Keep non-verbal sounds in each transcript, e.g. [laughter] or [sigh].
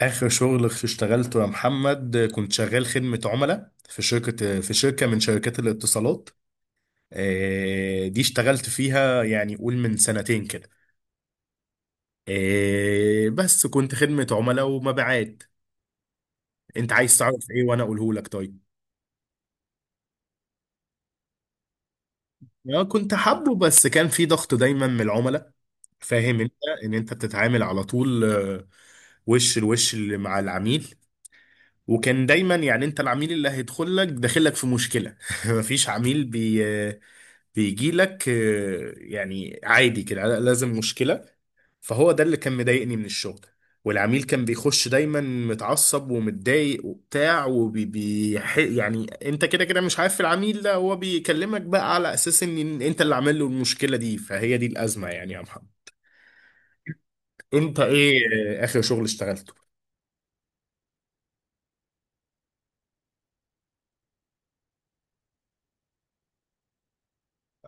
اخر شغل اشتغلته يا محمد، كنت شغال خدمة عملاء في شركة من شركات الاتصالات. دي اشتغلت فيها يعني قول من سنتين كده. بس كنت خدمة عملاء ومبيعات. انت عايز تعرف ايه وانا اقوله لك؟ طيب. كنت حابه، بس كان في ضغط دايما من العملاء. فاهم انت؟ ان انت بتتعامل على طول وش الوش اللي مع العميل. وكان دايما يعني انت العميل اللي هيدخل لك داخل لك في مشكله. [laughs] مفيش عميل بي آه، بيجي لك يعني عادي كده، لازم مشكلة. فهو ده اللي كان مضايقني من الشغل. والعميل كان بيخش دايما متعصب ومتضايق وبتاع يعني انت كده كده مش عارف، العميل ده هو بيكلمك بقى على اساس ان انت اللي عامل له المشكلة دي. فهي دي الأزمة يعني يا محمد. انت ايه؟ آخر شغل اشتغلته.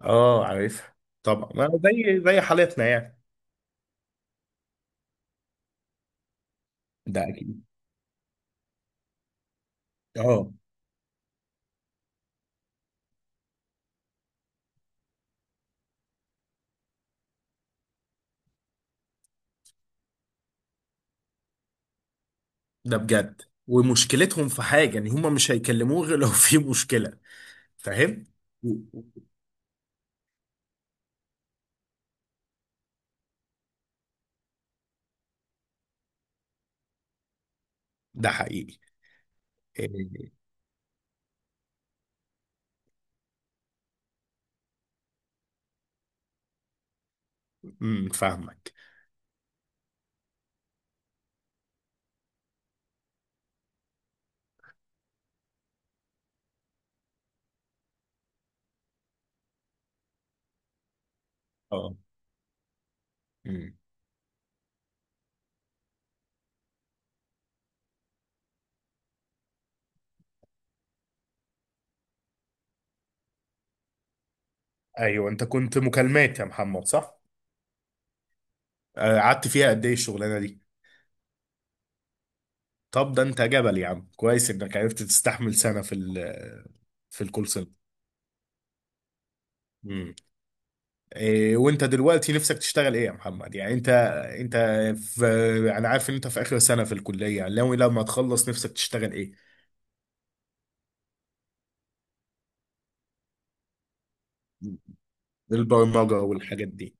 اه، عارفها. طبعا ما زي حالتنا يعني. ده اكيد. اه، ده بجد. ومشكلتهم في حاجة، ان هم مش هيكلموه غير لو في مشكلة. فاهم. ده حقيقي. إيه. فاهمك. اه. امم. ايوه، انت كنت مكالمات يا محمد، صح؟ قعدت فيها قد ايه الشغلانه دي؟ طب ده انت جبل يا عم، كويس انك عرفت تستحمل سنه في الكول سنتر. امم. إيه وانت دلوقتي نفسك تشتغل ايه يا محمد؟ يعني انت في، انا عارف ان انت في اخر سنه في الكليه، يعني لو لما تخلص نفسك تشتغل ايه؟ البرمجه والحاجات دي.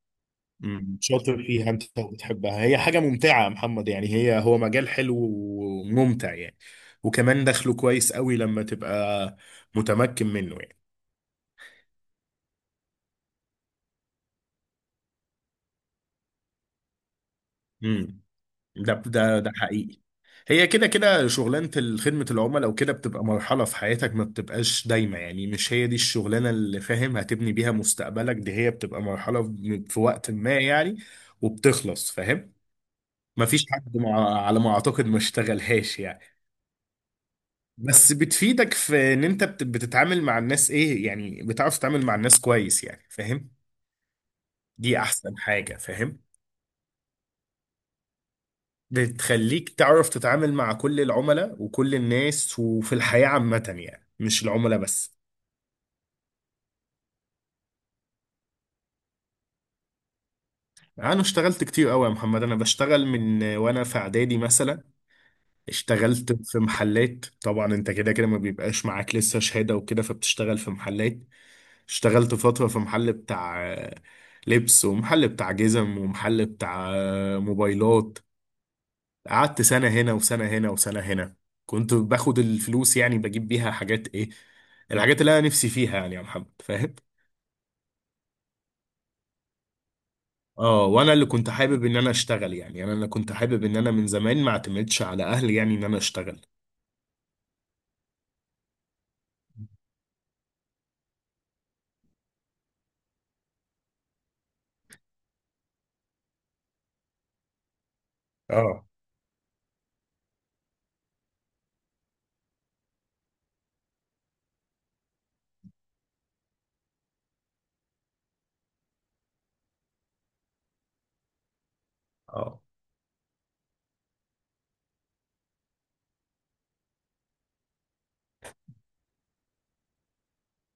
مم. شاطر فيها انت وبتحبها، هي حاجة ممتعة يا محمد، يعني هي هو مجال حلو وممتع يعني. وكمان دخله كويس قوي لما تبقى متمكن منه يعني. امم. ده حقيقي. هي كده كده شغلانة خدمة العملاء وكده بتبقى مرحلة في حياتك، ما بتبقاش دايمة يعني، مش هي دي الشغلانة اللي فاهم هتبني بيها مستقبلك، دي هي بتبقى مرحلة في وقت ما يعني. وبتخلص، فاهم. مفيش حد على ما اعتقد ما اشتغلهاش يعني. بس بتفيدك في ان انت بتتعامل مع الناس، ايه يعني بتعرف تتعامل مع الناس كويس يعني، فاهم. دي احسن حاجة، فاهم. بتخليك تعرف تتعامل مع كل العملاء وكل الناس وفي الحياة عامة يعني، مش العملاء بس. انا اشتغلت كتير قوي يا محمد، انا بشتغل من وانا في اعدادي مثلا. اشتغلت في محلات، طبعا انت كده كده ما بيبقاش معاك لسه شهادة وكده فبتشتغل في محلات. اشتغلت فترة في محل بتاع لبس، ومحل بتاع جزم، ومحل بتاع موبايلات. قعدت سنة هنا وسنة هنا وسنة هنا. كنت باخد الفلوس يعني بجيب بيها حاجات، ايه؟ الحاجات اللي انا نفسي فيها يعني يا محمد، فاهم. اه، وانا اللي كنت حابب ان انا اشتغل يعني انا اللي كنت حابب ان انا من زمان ما اعتمدش على اهلي يعني ان انا اشتغل. اه. اه.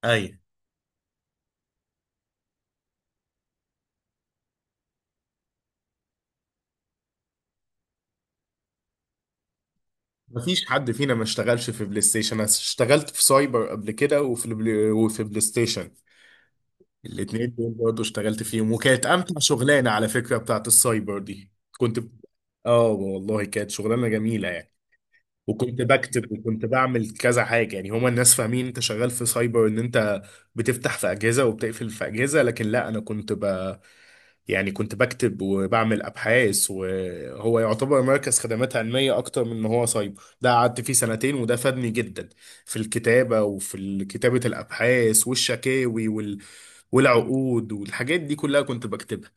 اي، مفيش حد فينا ما اشتغلش في بلاي ستيشن، انا اشتغلت في سايبر قبل كده وفي البلاي وفي بلاي ستيشن. الاتنين دول برضه اشتغلت فيهم، وكانت امتع شغلانه على فكره بتاعت السايبر دي. كنت ب- اه والله كانت شغلانه جميله يعني. وكنت بكتب وكنت بعمل كذا حاجه، يعني هما الناس فاهمين انت شغال في سايبر ان انت بتفتح في اجهزه وبتقفل في اجهزه، لكن لا، انا كنت ب يعني كنت بكتب وبعمل ابحاث، وهو يعتبر مركز خدمات علميه اكتر من ان هو سايبر، ده قعدت فيه سنتين وده فادني جدا. في الكتابه وفي كتابه الابحاث والشكاوي والعقود والحاجات دي كلها كنت بكتبها.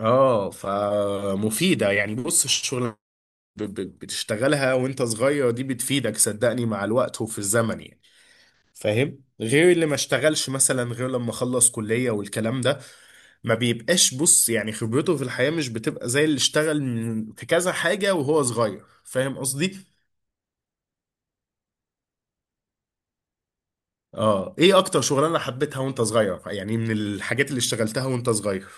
اه، فمفيدة يعني. بص الشغل بتشتغلها وانت صغير دي بتفيدك صدقني مع الوقت وفي الزمن يعني. فاهم، غير اللي ما اشتغلش مثلا غير لما خلص كلية والكلام ده ما بيبقاش، بص يعني خبرته في الحياة مش بتبقى زي اللي اشتغل في كذا حاجة وهو صغير، فاهم قصدي. اه، ايه اكتر شغلانة حبيتها وانت صغير؟ يعني من الحاجات اللي اشتغلتها وانت صغير.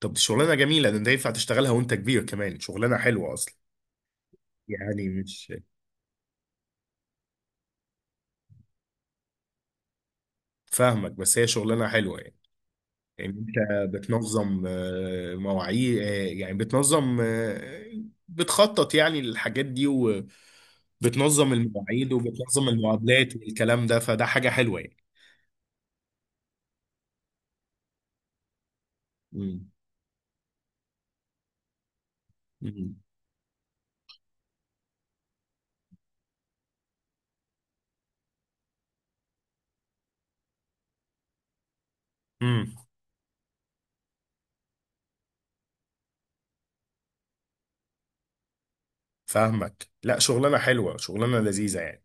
طب دي شغلانه جميله، ده انت ينفع تشتغلها وانت كبير كمان، شغلانه حلوه اصلا. يعني مش فاهمك، بس هي شغلانه حلوه يعني. يعني انت بتنظم مواعيد يعني بتنظم آه، بتخطط يعني للحاجات دي وبتنظم المواعيد وبتنظم المقابلات والكلام ده فده حاجه حلوه يعني. امم امم فاهمك، لا شغلانه حلوه، شغلانه لذيذه يعني.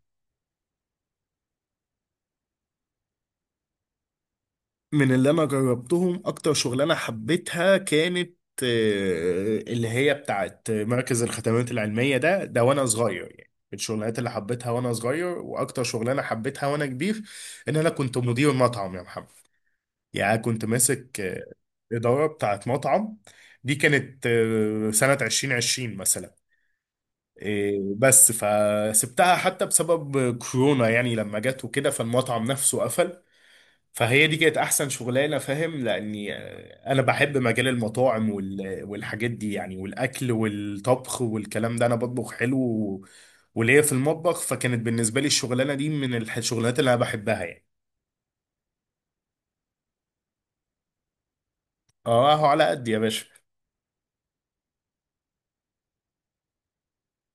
من اللي انا جربتهم اكتر شغلانه حبيتها كانت اللي هي بتاعت مركز الخدمات العلميه، ده وانا صغير يعني من الشغلانات اللي حبيتها وانا صغير، واكتر شغلانه حبيتها وانا كبير ان انا كنت مدير مطعم يا محمد. يعني كنت ماسك اداره بتاعت مطعم. دي كانت سنه 2020 مثلا. بس فسبتها حتى بسبب كورونا، يعني لما جت وكده فالمطعم نفسه قفل. فهي دي كانت احسن شغلانه، فاهم، لاني انا بحب مجال المطاعم والحاجات دي يعني، والاكل والطبخ والكلام ده، انا بطبخ حلو وليا في المطبخ، فكانت بالنسبه لي الشغلانه دي من الشغلانات اللي انا بحبها يعني. اه على قد يا باشا.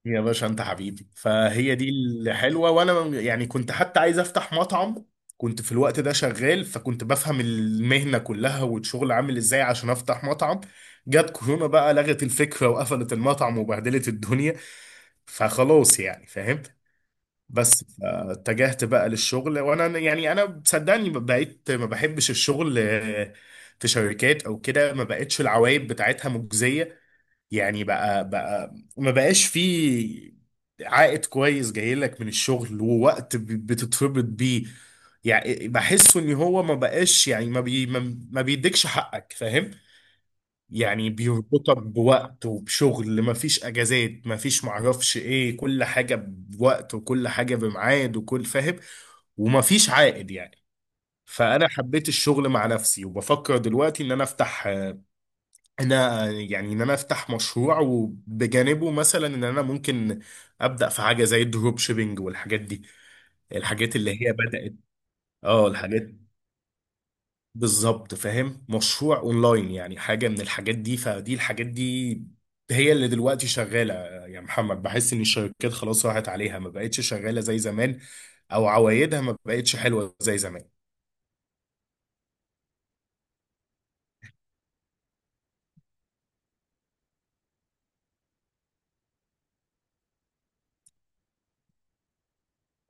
يا باشا انت حبيبي، فهي دي الحلوه، وانا يعني كنت حتى عايز افتح مطعم. كنت في الوقت ده شغال، فكنت بفهم المهنه كلها والشغل عامل ازاي عشان افتح مطعم. جت كورونا بقى، لغت الفكره وقفلت المطعم وبهدلت الدنيا. فخلاص يعني، فاهم. بس اتجهت بقى للشغل، وانا يعني انا صدقني بقيت ما بحبش الشغل في شركات او كده، ما بقتش العوايد بتاعتها مجزيه. يعني بقى ما بقاش في عائد كويس جاي لك من الشغل ووقت بتتربط بيه. يعني بحسه ان هو ما بقاش يعني، ما بي ما ما بيديكش حقك، فاهم. يعني بيربطك بوقت وبشغل، ما فيش اجازات، ما فيش معرفش ايه، كل حاجة بوقت وكل حاجة بميعاد وكل، فاهم. وما فيش عائد يعني. فانا حبيت الشغل مع نفسي، وبفكر دلوقتي ان انا افتح، انا يعني ان انا افتح مشروع، وبجانبه مثلا ان انا ممكن ابدا في حاجه زي الدروب شيبينج والحاجات دي، الحاجات اللي هي بدات. اه، الحاجات بالظبط، فاهم، مشروع اونلاين يعني، حاجه من الحاجات دي، فدي الحاجات دي هي اللي دلوقتي شغاله. يا محمد، بحس ان الشركات خلاص راحت عليها، ما بقتش شغاله زي زمان، او عوايدها ما بقتش حلوه زي زمان.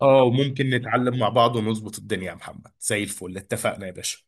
اه، وممكن نتعلم مع بعض ونظبط الدنيا يا محمد، زي الفل، اتفقنا يا باشا.